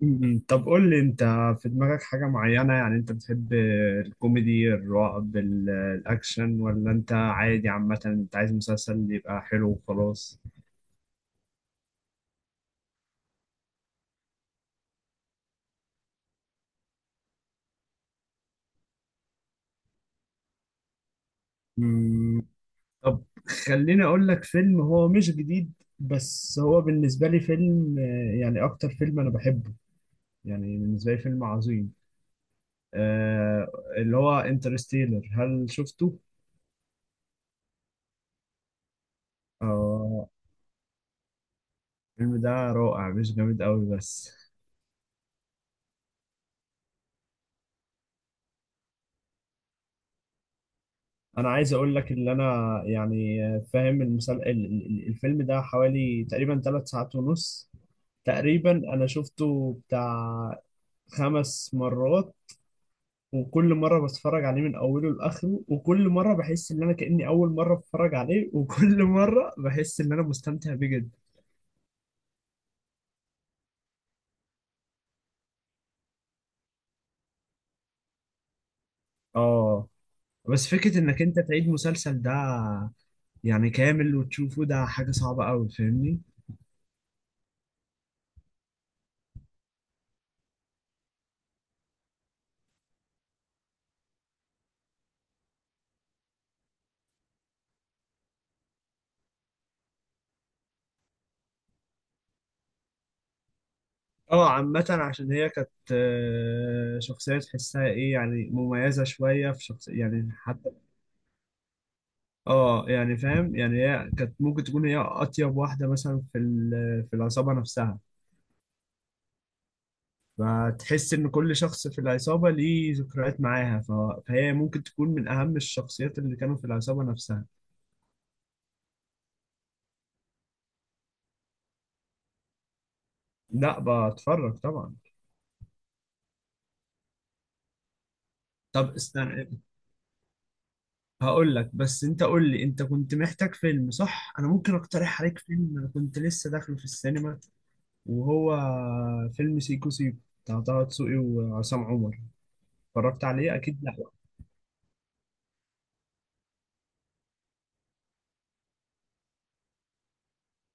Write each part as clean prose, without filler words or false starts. م- م. طب، قول لي انت، في دماغك حاجة معينة؟ يعني انت بتحب الكوميدي، الرعب، الاكشن، ولا انت عادي؟ عامة انت عايز مسلسل يبقى حلو وخلاص. م، طب، خليني اقول لك فيلم هو مش جديد، بس هو بالنسبة لي فيلم، يعني اكتر فيلم انا بحبه، يعني بالنسبة لي فيلم عظيم. آه اللي هو انترستيلر، هل شفته؟ آه، الفيلم ده رائع، مش جامد قوي بس. انا عايز اقول لك ان انا، يعني، فاهم المسل... ال- ال- ال- الفيلم ده حوالي تقريبا 3 ساعات ونص. تقريبا انا شفته بتاع خمس مرات، وكل مرة بتفرج عليه من اوله لاخره، وكل مرة بحس ان انا كأني اول مرة بتفرج عليه، وكل مرة بحس ان انا مستمتع بيه جدا. اه، بس فكرة انك انت تعيد مسلسل ده يعني كامل وتشوفه، ده حاجة صعبة قوي، فاهمني؟ اه، عامة عشان هي كانت، شخصية تحسها ايه، يعني مميزة شوية في شخصية يعني، حتى. اه، يعني فاهم، يعني هي كانت ممكن تكون هي أطيب واحدة مثلا في العصابة نفسها، فتحس إن كل شخص في العصابة ليه ذكريات معاها. فهي ممكن تكون من أهم الشخصيات اللي كانوا في العصابة نفسها. لا، بتفرج طبعا. طب استنى، هقول لك، بس انت قول لي، انت كنت محتاج فيلم، صح؟ انا ممكن اقترح عليك فيلم، انا كنت لسه داخله في السينما، وهو فيلم سيكو سيكو، بتاع طه دسوقي وعصام عمر. اتفرجت عليه؟ اكيد لا.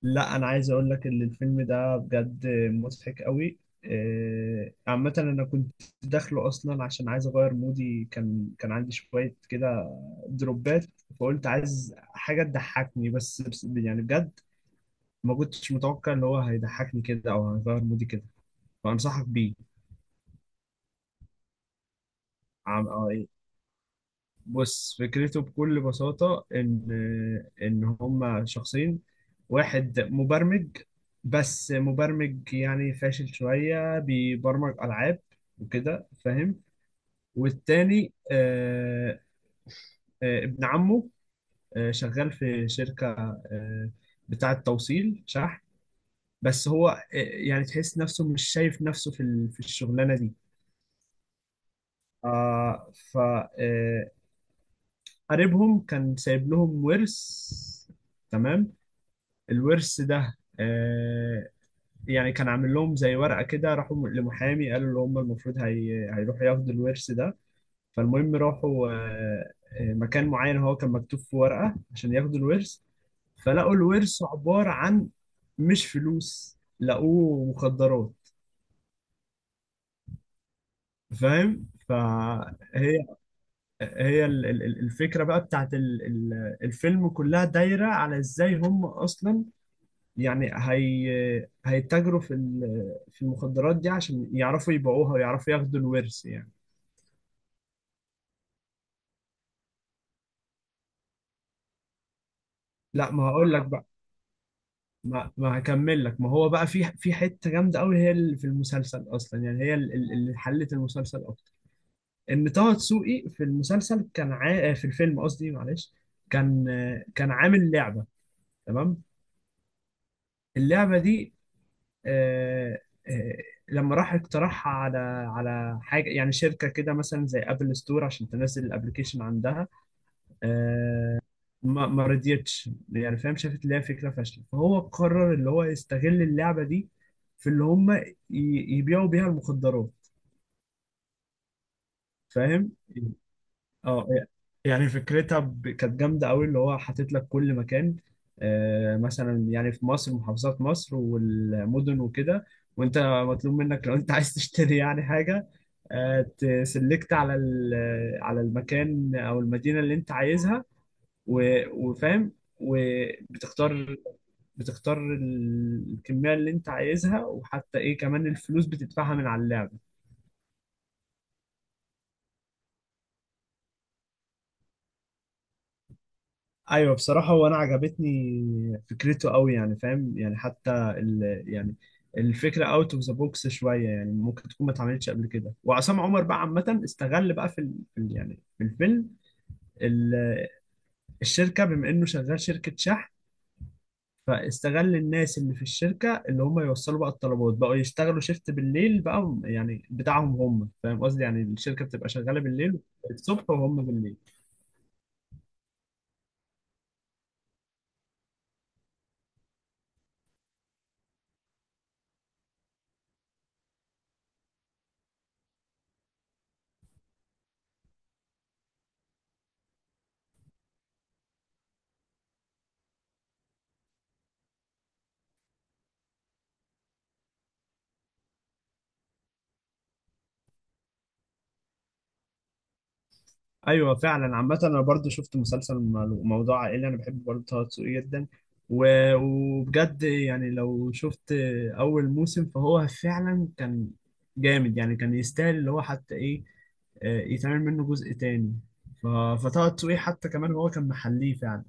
لا، انا عايز اقول لك ان الفيلم ده بجد مضحك قوي. عامة أنا كنت داخله أصلا عشان عايز أغير مودي، كان عندي شوية كده دروبات. فقلت عايز حاجة تضحكني، يعني بجد ما كنتش متوقع إن هو هيضحكني كده أو هيغير مودي كده، فأنصحك بيه. بص، فكرته بكل بساطة إن هما شخصين. واحد مبرمج، بس مبرمج يعني فاشل شوية، بيبرمج ألعاب وكده، فاهم؟ والتاني، ابن عمه، شغال في شركة آه، بتاعة توصيل شحن. بس هو، يعني تحس نفسه مش شايف نفسه في الشغلانة دي. آه، ف آه، قريبهم كان سايب لهم ورث، تمام. الورث ده يعني كان عامل لهم زي ورقة كده. راحوا لمحامي، قالوا اللي هم المفروض هيروحوا ياخدوا الورث ده. فالمهم راحوا مكان معين هو كان مكتوب في ورقة عشان ياخدوا الورث. فلقوا الورث عبارة عن، مش فلوس، لقوه مخدرات، فاهم؟ فهي هي ال- ال- الفكرة بقى بتاعت الفيلم كلها دايرة على ازاي هم اصلا، يعني، هيتاجروا في المخدرات دي عشان يعرفوا يبيعوها ويعرفوا ياخدوا الورث يعني. لا، ما هقول لك بقى، ما هكمل لك. ما هو بقى في حته جامده قوي هي اللي في المسلسل اصلا، يعني هي اللي حلت المسلسل اكتر. ان طه دسوقي في المسلسل كان عا... آه، في الفيلم قصدي، معلش. كان عامل لعبه، تمام. اللعبه دي، آه، آه، لما راح اقترحها على حاجه يعني شركه كده مثلا زي ابل ستور عشان تنزل الابلكيشن عندها، آه، ما رضيتش، يعني فاهم، شافت اللي هي فكره فاشله، فهو قرر اللي هو يستغل اللعبه دي في اللي هم يبيعوا بيها المخدرات، فاهم. اه، يعني فكرتها كانت جامده قوي، اللي هو حاطط لك كل مكان، مثلا يعني في مصر، محافظات مصر والمدن وكده، وانت مطلوب منك لو انت عايز تشتري يعني حاجه، آه تسلكت على المكان او المدينه اللي انت عايزها، وفاهم، وبتختار بتختار الكمية اللي انت عايزها، وحتى ايه كمان، الفلوس بتدفعها من على اللعب. ايوه بصراحة، وانا عجبتني فكرته قوي، يعني فاهم، يعني حتى، ال يعني الفكرة اوت اوف ذا بوكس شوية، يعني ممكن تكون ما اتعملتش قبل كده. وعصام عمر بقى عامة استغل بقى في الفيلم، ال- الشركة، بما انه شغال شركة شحن، فاستغل الناس اللي في الشركة اللي هم يوصلوا بقى الطلبات، بقوا يشتغلوا شيفت بالليل بقى، يعني بتاعهم هم، فاهم قصدي؟ يعني الشركة بتبقى شغالة بالليل الصبح، وهم بالليل. ايوه فعلا. عامة انا برضو شفت مسلسل موضوع عائلي، انا بحب برضو طه دسوقي جدا. وبجد، يعني لو شفت اول موسم فهو فعلا كان جامد، يعني كان يستاهل اللي هو حتى ايه، يتعمل منه جزء تاني. ف- فطه دسوقي حتى كمان هو كان محليه فعلا.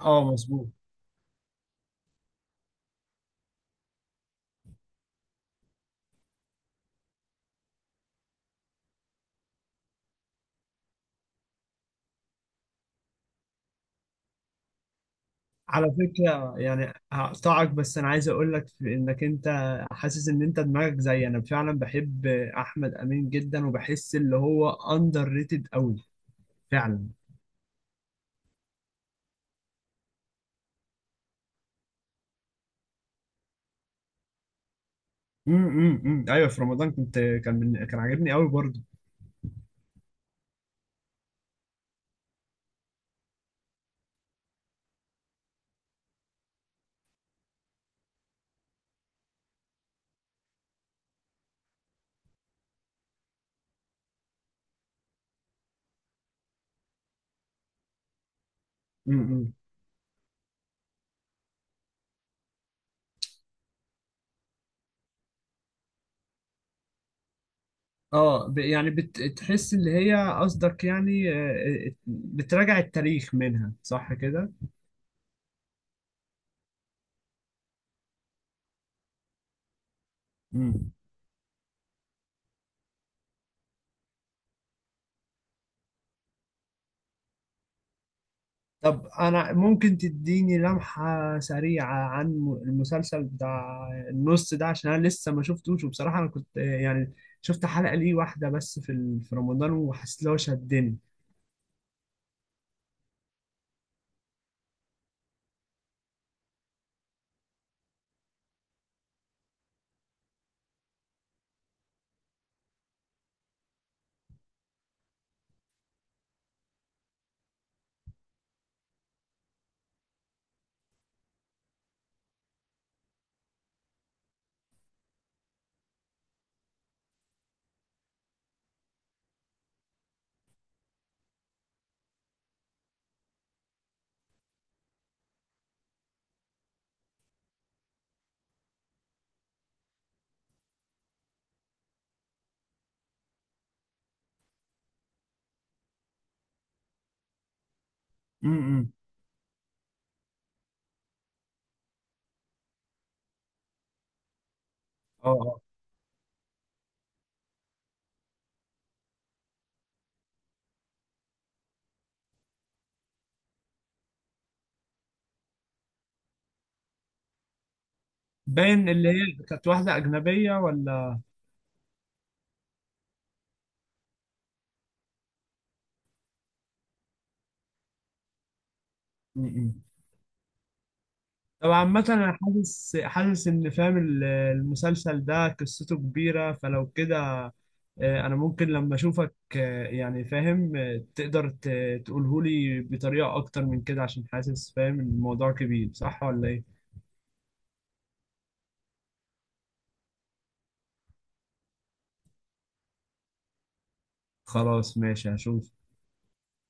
اه مظبوط. على فكرة، يعني هقطعك، بس أنا عايز أقول لك في إنك أنت حاسس إن أنت دماغك زي أنا. فعلا بحب أحمد أمين جدا، وبحس اللي هو أندر ريتد أوي فعلا. أيوه، في رمضان كان عاجبني أوي برضه. امم. اه، يعني بتحس اللي هي قصدك، يعني بتراجع التاريخ منها، صح كده؟ مم. طب انا ممكن تديني لمحة سريعة عن المسلسل بتاع النص ده، عشان انا لسه ما شفتوش. وبصراحة انا كنت، يعني شفت حلقة ليه واحدة بس في رمضان، وحسيت لو شدني. امم. اه، آه. باين اللي هي كانت واحدة أجنبية ولا؟ امم. طب عامة، أنا حاسس إن، فاهم، المسلسل ده قصته كبيرة، فلو كده، انا ممكن لما اشوفك، يعني فاهم، تقدر تقوله لي بطريقة اكتر من كده، عشان حاسس فاهم إن الموضوع كبير، صح ولا ايه؟ خلاص ماشي، هشوف.